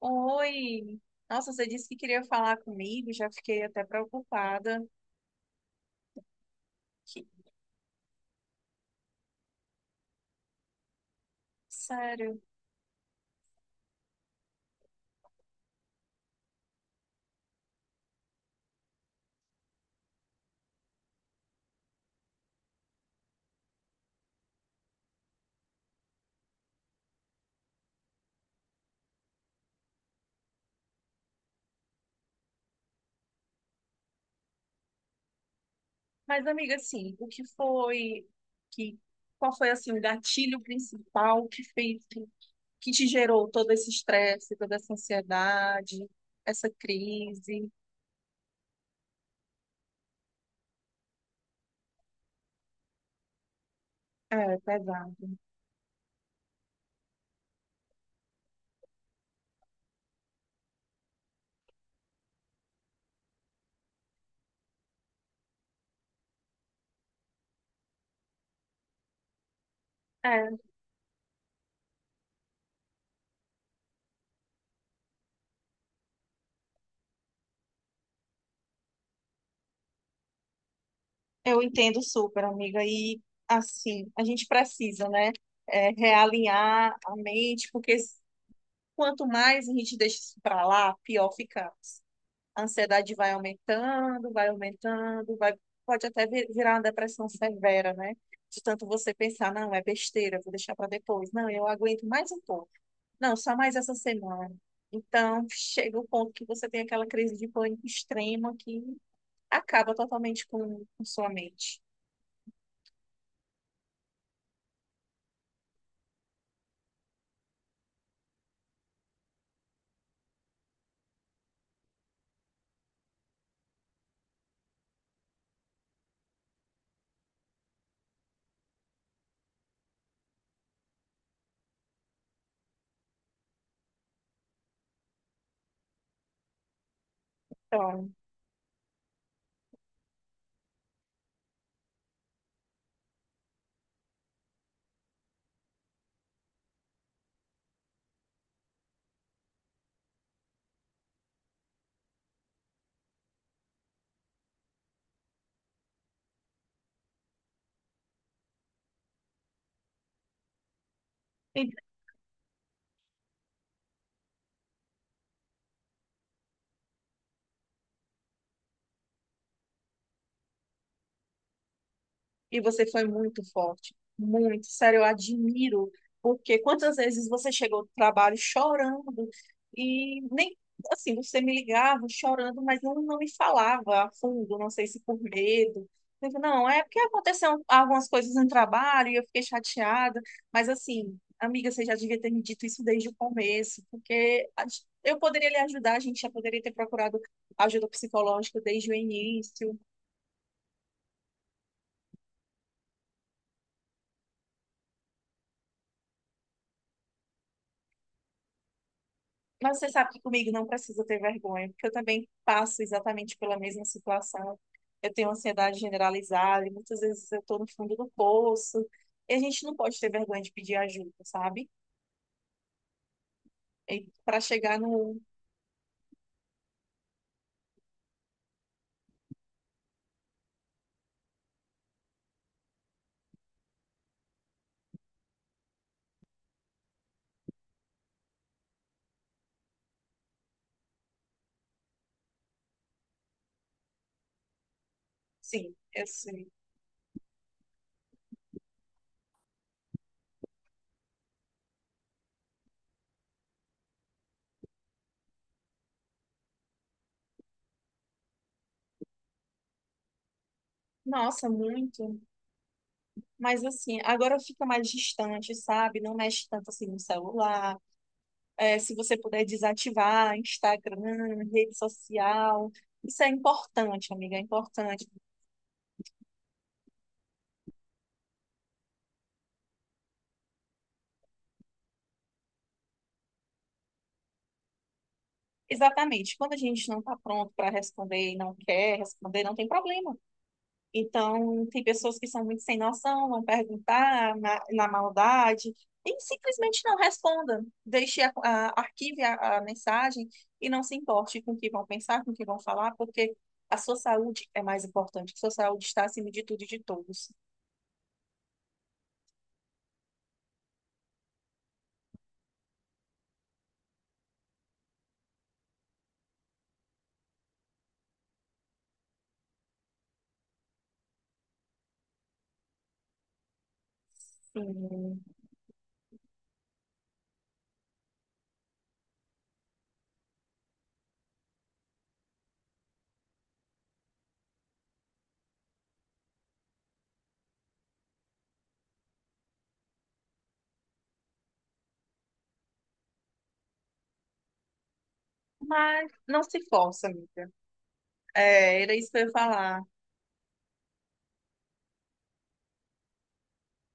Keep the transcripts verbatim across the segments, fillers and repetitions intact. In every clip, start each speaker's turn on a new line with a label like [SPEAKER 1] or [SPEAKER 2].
[SPEAKER 1] Oi! Nossa, você disse que queria falar comigo, já fiquei até preocupada. Que- Sério. Mas, amiga, assim, o que foi que qual foi assim o gatilho principal que fez que, que te gerou todo esse estresse, toda essa ansiedade, essa crise? É, pesado. É, eu entendo super, amiga. E assim, a gente precisa, né, é, realinhar a mente, porque s- quanto mais a gente deixa isso pra lá, pior ficamos. A ansiedade vai aumentando, vai aumentando, vai, pode até vir- virar uma depressão severa, né? De tanto você pensar, não, é besteira, vou deixar para depois. Não, eu aguento mais um pouco. Não, só mais essa semana. Então, chega o ponto que você tem aquela crise de pânico extrema que acaba totalmente com, com sua mente. Então, e você foi muito forte, muito, sério, eu admiro, porque quantas vezes você chegou do trabalho chorando e nem assim, você me ligava chorando, mas não, não me falava a fundo, não sei se por medo. Eu digo, não, é porque aconteceu algumas coisas no trabalho e eu fiquei chateada, mas assim, amiga, você já devia ter me dito isso desde o começo, porque a- gen- eu poderia lhe ajudar, a gente já poderia ter procurado ajuda psicológica desde o início. Mas você sabe que comigo não precisa ter vergonha, porque eu também passo exatamente pela mesma situação. Eu tenho ansiedade generalizada e muitas vezes eu estou no fundo do poço. E a gente não pode ter vergonha de pedir ajuda, sabe? E para chegar no. Sim, eu sei. Nossa, muito. Mas assim, agora fica mais distante, sabe? Não mexe tanto assim no celular. É, se você puder desativar Instagram, rede social. Isso é importante, amiga, é importante. Exatamente. Quando a gente não está pronto para responder e não quer responder, não tem problema. Então, tem pessoas que são muito sem noção, vão perguntar na, na maldade, e simplesmente não responda. Deixe, a, a- arquive a, a mensagem e não se importe com o que vão pensar, com o que vão falar, porque a sua saúde é mais importante. A sua saúde está acima de tudo e de todos. Sim. Mas não se força, amiga. É, era isso que eu ia falar.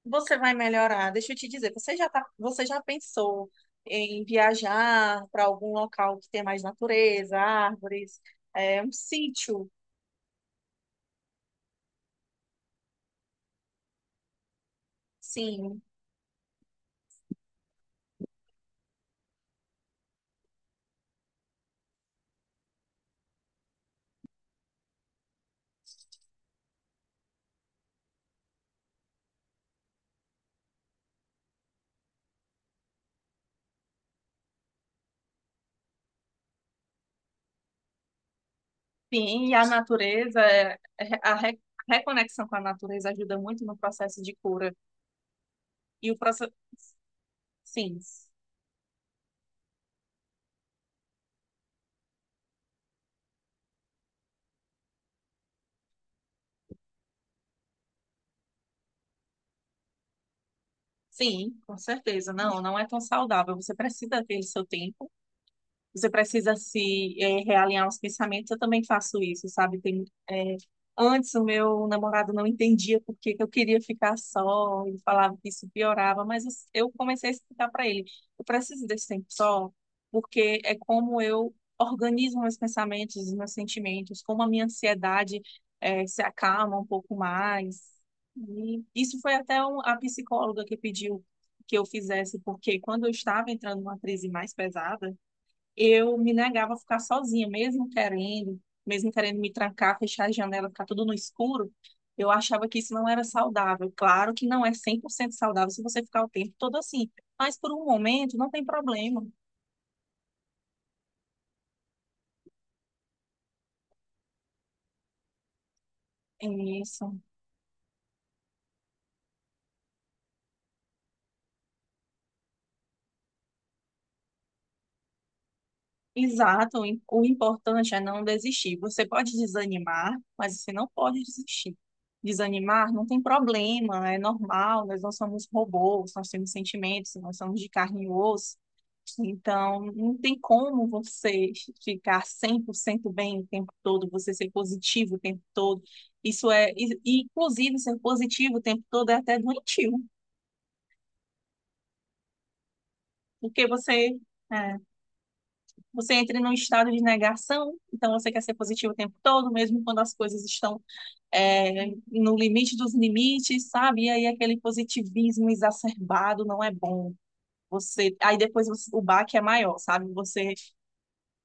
[SPEAKER 1] Você vai melhorar. Deixa eu te dizer, você já tá, você já pensou em viajar para algum local que tenha mais natureza, árvores, é, um sítio? Sim, sim, e a natureza, é, é, a re- a reconexão com a natureza ajuda muito no processo de cura. E o processo, sim, sim, com certeza. Não, não é tão saudável. Você precisa ter o seu tempo. Você precisa se eh, realinhar os pensamentos. Eu também faço isso, sabe? Tem, eh, antes o meu namorado não entendia por que que eu queria ficar só. Ele falava que isso piorava, mas eu eu comecei a explicar para ele: eu preciso desse tempo só, porque é como eu organizo meus pensamentos, os meus sentimentos, como a minha ansiedade eh, se acalma um pouco mais. E isso foi até um- a psicóloga que pediu que eu fizesse, porque quando eu estava entrando numa crise mais pesada eu me negava a ficar sozinha, mesmo querendo, mesmo querendo me trancar, fechar a janela, ficar tudo no escuro, eu achava que isso não era saudável. Claro que não é cem por cento saudável se você ficar o tempo todo assim, mas por um momento não tem problema. É isso. Exato, o im- o importante é não desistir. Você pode desanimar, mas você não pode desistir. Desanimar não tem problema, é normal, nós não somos robôs, nós temos sentimentos, nós somos de carne e osso. Então, não tem como você ficar cem por cento bem o tempo todo, você ser positivo o tempo todo. Isso é, e, e, inclusive, ser positivo o tempo todo é até doentio, porque você. É, você entra num estado de negação, então você quer ser positivo o tempo todo, mesmo quando as coisas estão é, no limite dos limites, sabe? E aí aquele positivismo exacerbado não é bom. Você, aí depois você- o baque é maior, sabe? Você,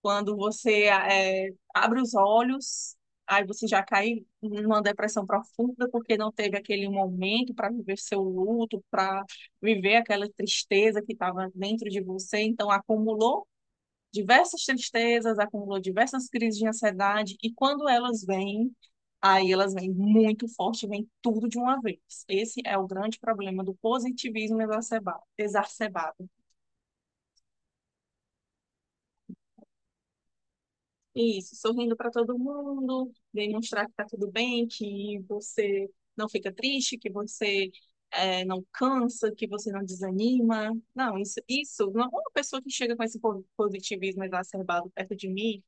[SPEAKER 1] quando você é, abre os olhos, aí você já cai numa depressão profunda porque não teve aquele momento para viver seu luto, para viver aquela tristeza que estava dentro de você, então acumulou diversas tristezas, acumulou diversas crises de ansiedade, e quando elas vêm, aí elas vêm muito forte, vêm tudo de uma vez. Esse é o grande problema do positivismo exacerba- exacerbado. Isso, sorrindo para todo mundo, demonstrar que está tudo bem, que você não fica triste, que você eh, não cansa, que você não desanima. Não, isso, isso, uma pessoa que chega com esse po- positivismo exacerbado perto de mim,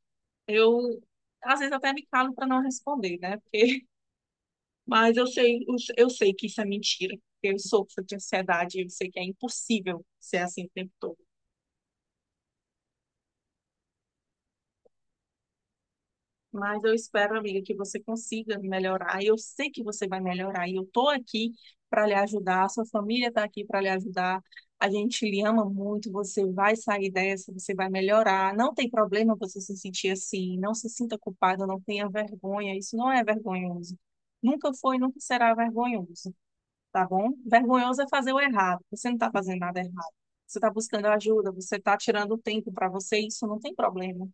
[SPEAKER 1] eu às vezes até me calo para não responder, né? Porque, mas eu sei, eu eu sei que isso é mentira. Porque eu sofro de ansiedade, eu sei que é impossível ser assim o tempo todo. Mas eu espero, amiga, que você consiga melhorar. E eu sei que você vai melhorar. E eu tô aqui para lhe ajudar. A sua família tá aqui para lhe ajudar. A gente lhe ama muito. Você vai sair dessa, você vai melhorar. Não tem problema você se sentir assim. Não se sinta culpada, não tenha vergonha. Isso não é vergonhoso. Nunca foi, nunca será vergonhoso. Tá bom? Vergonhoso é fazer o errado. Você não está fazendo nada errado. Você está buscando ajuda, você está tirando tempo para você, isso não tem problema.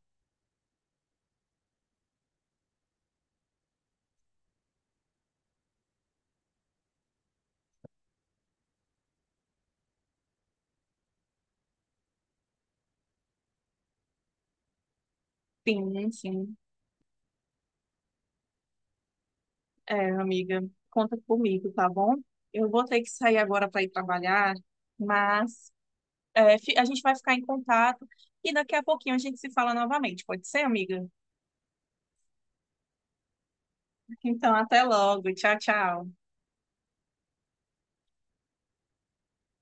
[SPEAKER 1] Sim, enfim. É, amiga, conta comigo, tá bom? Eu vou ter que sair agora para ir trabalhar, mas é, fi- a gente vai ficar em contato e daqui a pouquinho a gente se fala novamente, pode ser, amiga? Então, até logo. Tchau, tchau.